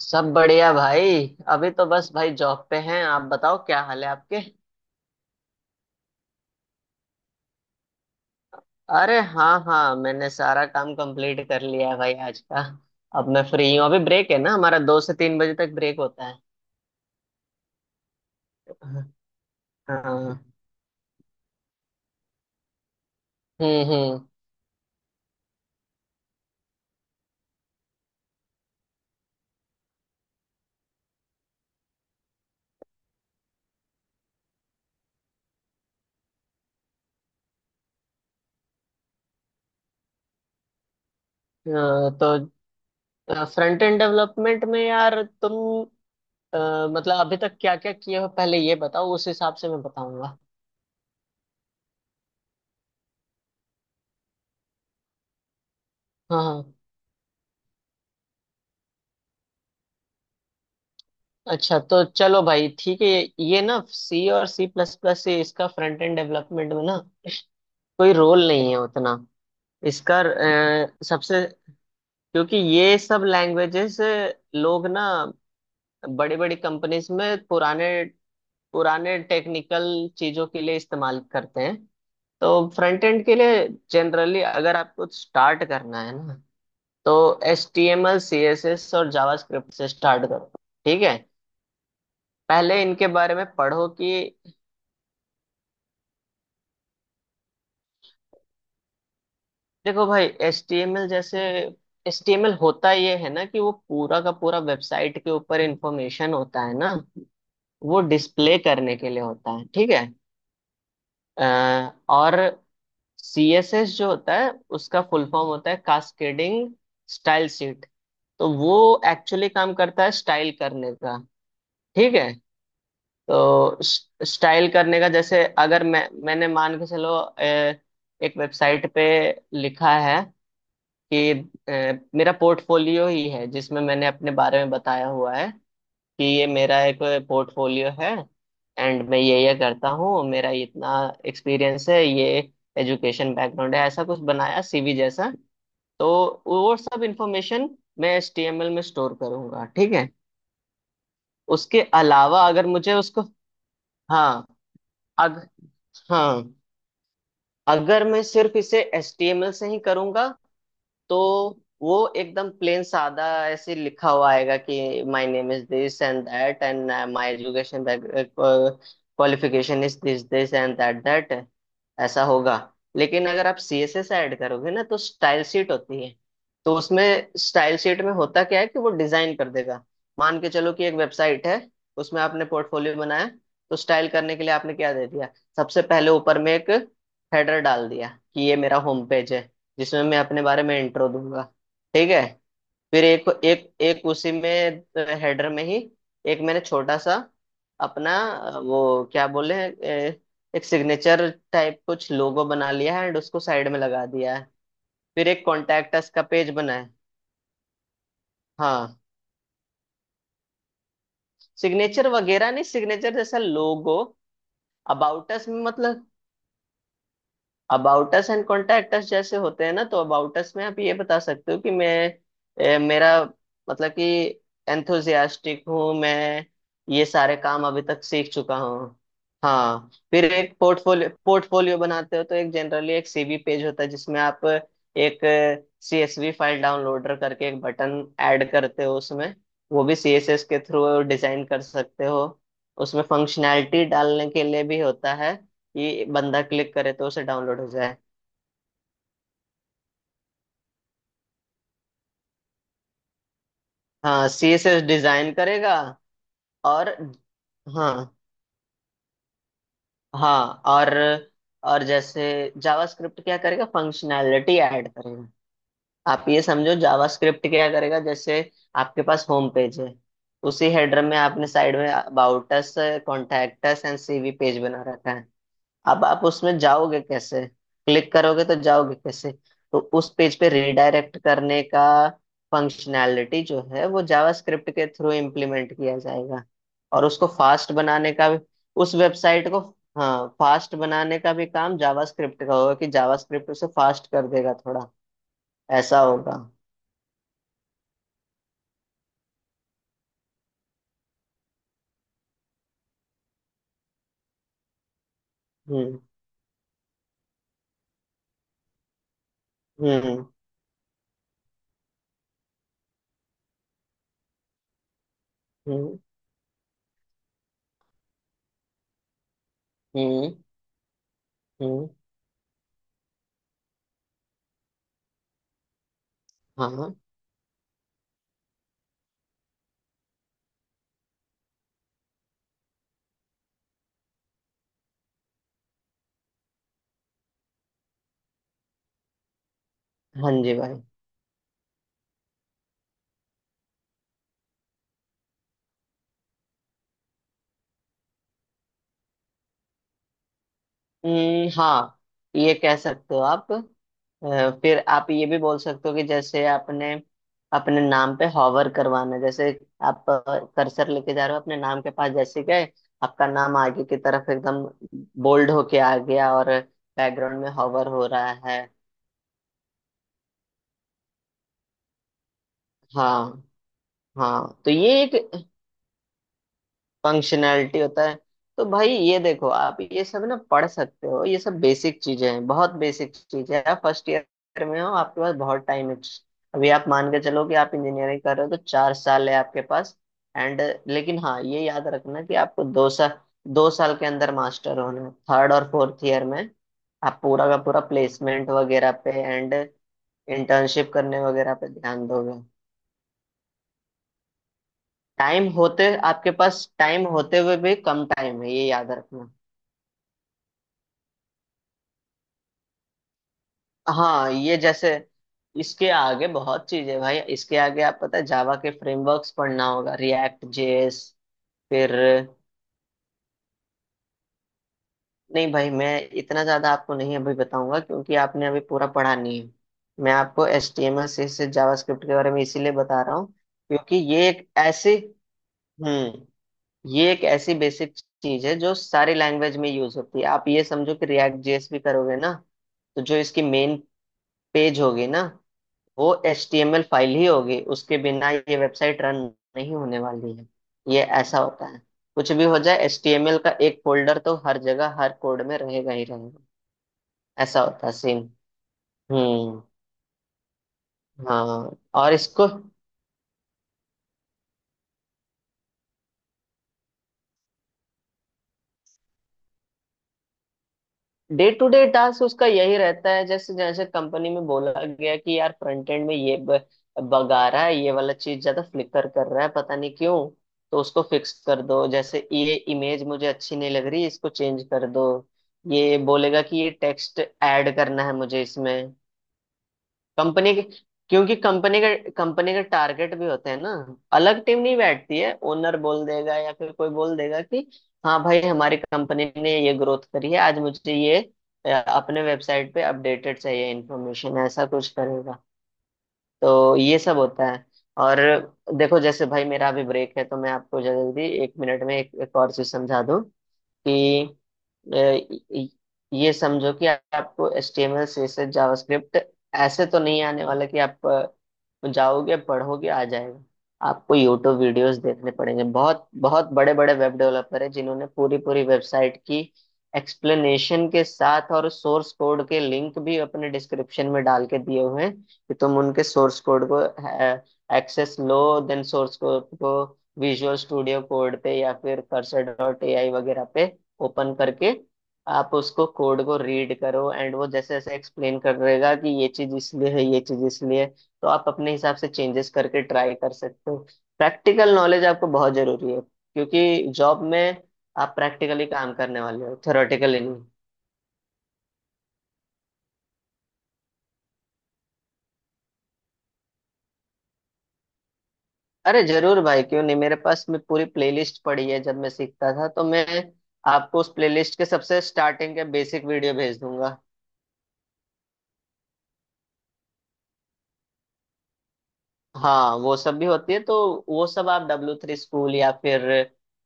सब बढ़िया भाई। अभी तो बस भाई जॉब पे हैं। आप बताओ क्या हाल है आपके। अरे हाँ हाँ मैंने सारा काम कंप्लीट कर लिया है भाई आज का। अब मैं फ्री हूँ। अभी ब्रेक है ना हमारा। 2 से 3 बजे तक ब्रेक होता है। हाँ। हम्म। हम्म। तो फ्रंट एंड डेवलपमेंट में यार तुम अ, मतलब अभी तक क्या क्या किए हो। पहले ये बताओ उस हिसाब से मैं बताऊंगा। हाँ हाँ। अच्छा तो चलो भाई ठीक है। ये ना सी और सी प्लस प्लस से इसका फ्रंट एंड डेवलपमेंट में ना कोई रोल नहीं है उतना। इसका सबसे क्योंकि ये सब लैंग्वेजेस लोग ना बड़ी बड़ी कंपनीज में पुराने पुराने टेक्निकल चीजों के लिए इस्तेमाल करते हैं। तो फ्रंट एंड के लिए जनरली अगर आपको स्टार्ट करना है ना तो H T M L C S S और जावास्क्रिप्ट से स्टार्ट करो। ठीक है। पहले इनके बारे में पढ़ो कि देखो भाई एच टी एम एल जैसे एच टी एम एल होता ये है ना कि वो पूरा का पूरा वेबसाइट के ऊपर इंफॉर्मेशन होता है ना। वो डिस्प्ले करने के लिए होता है। ठीक है। अ, और सी एस एस जो होता है उसका फुल फॉर्म होता है कास्केडिंग स्टाइल शीट। तो वो एक्चुअली काम करता है स्टाइल करने का। ठीक है। तो स्टाइल करने का जैसे अगर मैंने मान के चलो एक वेबसाइट पे लिखा है कि अ, मेरा पोर्टफोलियो ही है जिसमें मैंने अपने बारे में बताया हुआ है कि ये मेरा एक पोर्टफोलियो है। एंड मैं ये करता हूँ। मेरा इतना एक्सपीरियंस है। ये एजुकेशन बैकग्राउंड है। ऐसा कुछ बनाया सीवी जैसा। तो वो सब इंफॉर्मेशन मैं एचटीएमएल में स्टोर करूंगा। ठीक है। उसके अलावा अगर मुझे उसको, हाँ, अग, हाँ अगर मैं सिर्फ इसे एचटीएमएल से ही करूंगा तो वो एकदम प्लेन सादा ऐसे लिखा हुआ आएगा कि my name is this and that and my education qualification is this this and that that. ऐसा होगा। लेकिन अगर आप सीएसएस ऐड करोगे ना तो स्टाइल शीट होती है। तो उसमें स्टाइल शीट में होता क्या है कि वो डिजाइन कर देगा। मान के चलो कि एक वेबसाइट है। उसमें आपने पोर्टफोलियो बनाया। तो स्टाइल करने के लिए आपने क्या दे दिया। सबसे पहले ऊपर में एक हेडर डाल दिया कि ये मेरा होम पेज है जिसमें मैं अपने बारे में इंट्रो दूंगा। ठीक है। फिर एक एक एक उसी में हेडर में ही एक मैंने छोटा सा अपना वो क्या बोले एक सिग्नेचर टाइप कुछ लोगो बना लिया है एंड उसको साइड में लगा दिया है। फिर एक कॉन्टैक्ट अस का पेज बना है। हाँ सिग्नेचर वगैरह नहीं। सिग्नेचर जैसा लोगो। अबाउट अस में मतलब about us and contact us जैसे होते हैं ना। तो अबाउट अस में आप ये बता सकते हो कि मैं मेरा मतलब कि एंथुजियास्टिक हूँ मैं। ये सारे काम अभी तक सीख चुका हूँ। हाँ फिर एक पोर्टफोलियो पोर्टफोलियो बनाते हो तो एक जनरली एक सीवी पेज होता है जिसमें आप एक सीएसवी फाइल डाउनलोडर करके एक बटन ऐड करते हो उसमें। वो भी सीएसएस के थ्रू डिजाइन कर सकते हो। उसमें फंक्शनैलिटी डालने के लिए भी होता है। ये बंदा क्लिक करे तो उसे डाउनलोड हो जाए। हाँ सीएसएस डिजाइन करेगा। और हाँ। हाँ और जैसे जावास्क्रिप्ट क्या करेगा। फंक्शनैलिटी ऐड करेगा। आप ये समझो जावास्क्रिप्ट क्या करेगा जैसे आपके पास होम पेज है। उसी हेडर में आपने साइड में about us contact us and CV page बना रखा है। अब आप उसमें जाओगे कैसे। क्लिक करोगे तो जाओगे कैसे। तो उस पेज पे रिडायरेक्ट करने का फंक्शनैलिटी जो है वो जावास्क्रिप्ट के थ्रू इम्प्लीमेंट किया जाएगा। और उसको फास्ट बनाने का भी उस वेबसाइट को। हाँ फास्ट बनाने का भी काम जावास्क्रिप्ट का होगा कि जावास्क्रिप्ट उसे फास्ट कर देगा थोड़ा। ऐसा होगा। हम्म। हम्म। हम्म। हम्म। हम्म। हाँ हाँ जी भाई। हाँ। ये कह सकते हो आप, फिर आप ये भी बोल सकते हो कि जैसे आपने अपने नाम पे हॉवर करवाना जैसे आप कर्सर लेके जा रहे हो अपने नाम के पास जैसे गए आपका नाम आगे की तरफ एकदम बोल्ड होके आ गया और बैकग्राउंड में हॉवर हो रहा है। हाँ हाँ तो ये एक फंक्शनैलिटी होता है। तो भाई ये देखो आप ये सब ना पढ़ सकते हो। ये सब बेसिक चीजें हैं। बहुत बेसिक चीजें हैं। आप फर्स्ट ईयर में हो। आपके पास बहुत टाइम है। अभी आप मान के चलो कि आप इंजीनियरिंग कर रहे हो तो 4 साल है आपके पास। एंड लेकिन हाँ ये याद रखना कि आपको दो साल के अंदर मास्टर होना है। थर्ड और फोर्थ ईयर में आप पूरा का पूरा प्लेसमेंट वगैरह पे एंड इंटर्नशिप करने वगैरह पे ध्यान दोगे। टाइम होते आपके पास टाइम होते हुए भी कम टाइम है। ये याद रखना। हाँ ये जैसे इसके आगे बहुत चीजें हैं भाई। इसके आगे आप पता है जावा के फ्रेमवर्क्स पढ़ना होगा रिएक्ट जेएस। फिर नहीं भाई मैं इतना ज्यादा आपको नहीं अभी बताऊंगा क्योंकि आपने अभी पूरा पढ़ा नहीं है। मैं आपको H T M L C से जावास्क्रिप्ट के बारे में इसीलिए बता रहा हूँ क्योंकि हम्म ये एक ऐसी बेसिक चीज है जो सारी लैंग्वेज में यूज होती है। आप ये समझो कि रिएक्ट जेएस भी करोगे ना तो जो इसकी मेन पेज होगी ना वो H T M L file ही होगी। उसके बिना ये वेबसाइट रन नहीं होने वाली है। ये ऐसा होता है। कुछ भी हो जाए एच टी एम एल का एक फोल्डर तो हर जगह हर कोड में रहेगा ही रहेगा। ऐसा होता है सीन। हम्म। हाँ और इसको डे टू डे टास्क उसका यही रहता है। जैसे जैसे कंपनी में बोला गया कि यार फ्रंट एंड में ये बग आ रहा है ये वाला चीज ज्यादा फ्लिकर कर रहा है पता नहीं क्यों, तो उसको फिक्स कर दो। जैसे ये इमेज मुझे अच्छी नहीं लग रही इसको चेंज कर दो। ये बोलेगा कि ये टेक्स्ट ऐड करना है मुझे इसमें। कंपनी के क्योंकि कंपनी के टारगेट भी होते हैं ना। अलग टीम नहीं बैठती है। ओनर बोल देगा या फिर कोई बोल देगा कि हाँ भाई हमारी कंपनी ने ये ग्रोथ करी है आज मुझे ये अपने वेबसाइट पे अपडेटेड चाहिए इन्फॉर्मेशन ऐसा कुछ करेगा। तो ये सब होता है। और देखो जैसे भाई मेरा अभी ब्रेक है तो मैं आपको जल्दी 1 मिनट में एक और चीज समझा दूं कि ये समझो कि आपको HTML CSS जावास्क्रिप्ट ऐसे तो नहीं आने वाला कि आप जाओगे पढ़ोगे आ जाएगा। आपको यूट्यूब वीडियोस देखने पड़ेंगे। बहुत बहुत बड़े बड़े वेब डेवलपर हैं जिन्होंने पूरी पूरी वेबसाइट की एक्सप्लेनेशन के साथ और सोर्स कोड के लिंक भी अपने डिस्क्रिप्शन में डाल के दिए हुए हैं कि तुम उनके सोर्स कोड को एक्सेस लो। देन सोर्स कोड को विजुअल स्टूडियो कोड पे या फिर कर्सर डॉट एआई वगैरह पे ओपन करके आप उसको कोड को रीड करो एंड वो जैसे जैसे एक्सप्लेन कर रहेगा कि ये चीज इसलिए है ये चीज इसलिए है, तो आप अपने हिसाब से चेंजेस करके ट्राई कर सकते हो। प्रैक्टिकल नॉलेज आपको बहुत जरूरी है क्योंकि जॉब में आप प्रैक्टिकली काम करने वाले हो थ्योरेटिकली नहीं। अरे जरूर भाई क्यों नहीं। मेरे पास मैं पूरी प्लेलिस्ट पड़ी है। जब मैं सीखता था तो मैं आपको उस प्लेलिस्ट के सबसे स्टार्टिंग के बेसिक वीडियो भेज दूंगा। हाँ वो सब भी होती है। तो वो सब आप डब्ल्यू थ्री स्कूल या फिर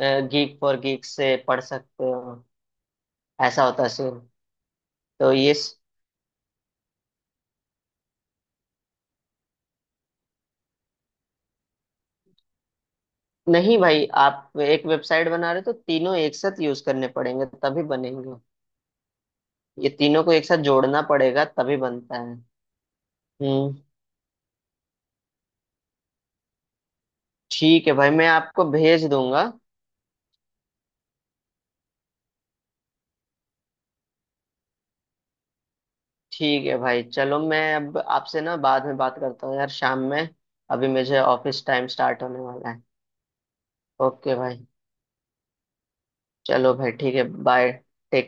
गीक फॉर गीक से पढ़ सकते हो। ऐसा होता है सीन। तो ये स... नहीं भाई आप एक वेबसाइट बना रहे हो तो तीनों एक साथ यूज करने पड़ेंगे तभी बनेंगे। ये तीनों को एक साथ जोड़ना पड़ेगा तभी बनता है। हम्म। ठीक है भाई मैं आपको भेज दूंगा। ठीक है भाई चलो। मैं अब आपसे ना बाद में बात करता हूँ यार शाम में। अभी मुझे ऑफिस टाइम स्टार्ट होने वाला है। ओके भाई चलो भाई ठीक है। बाय। टेक।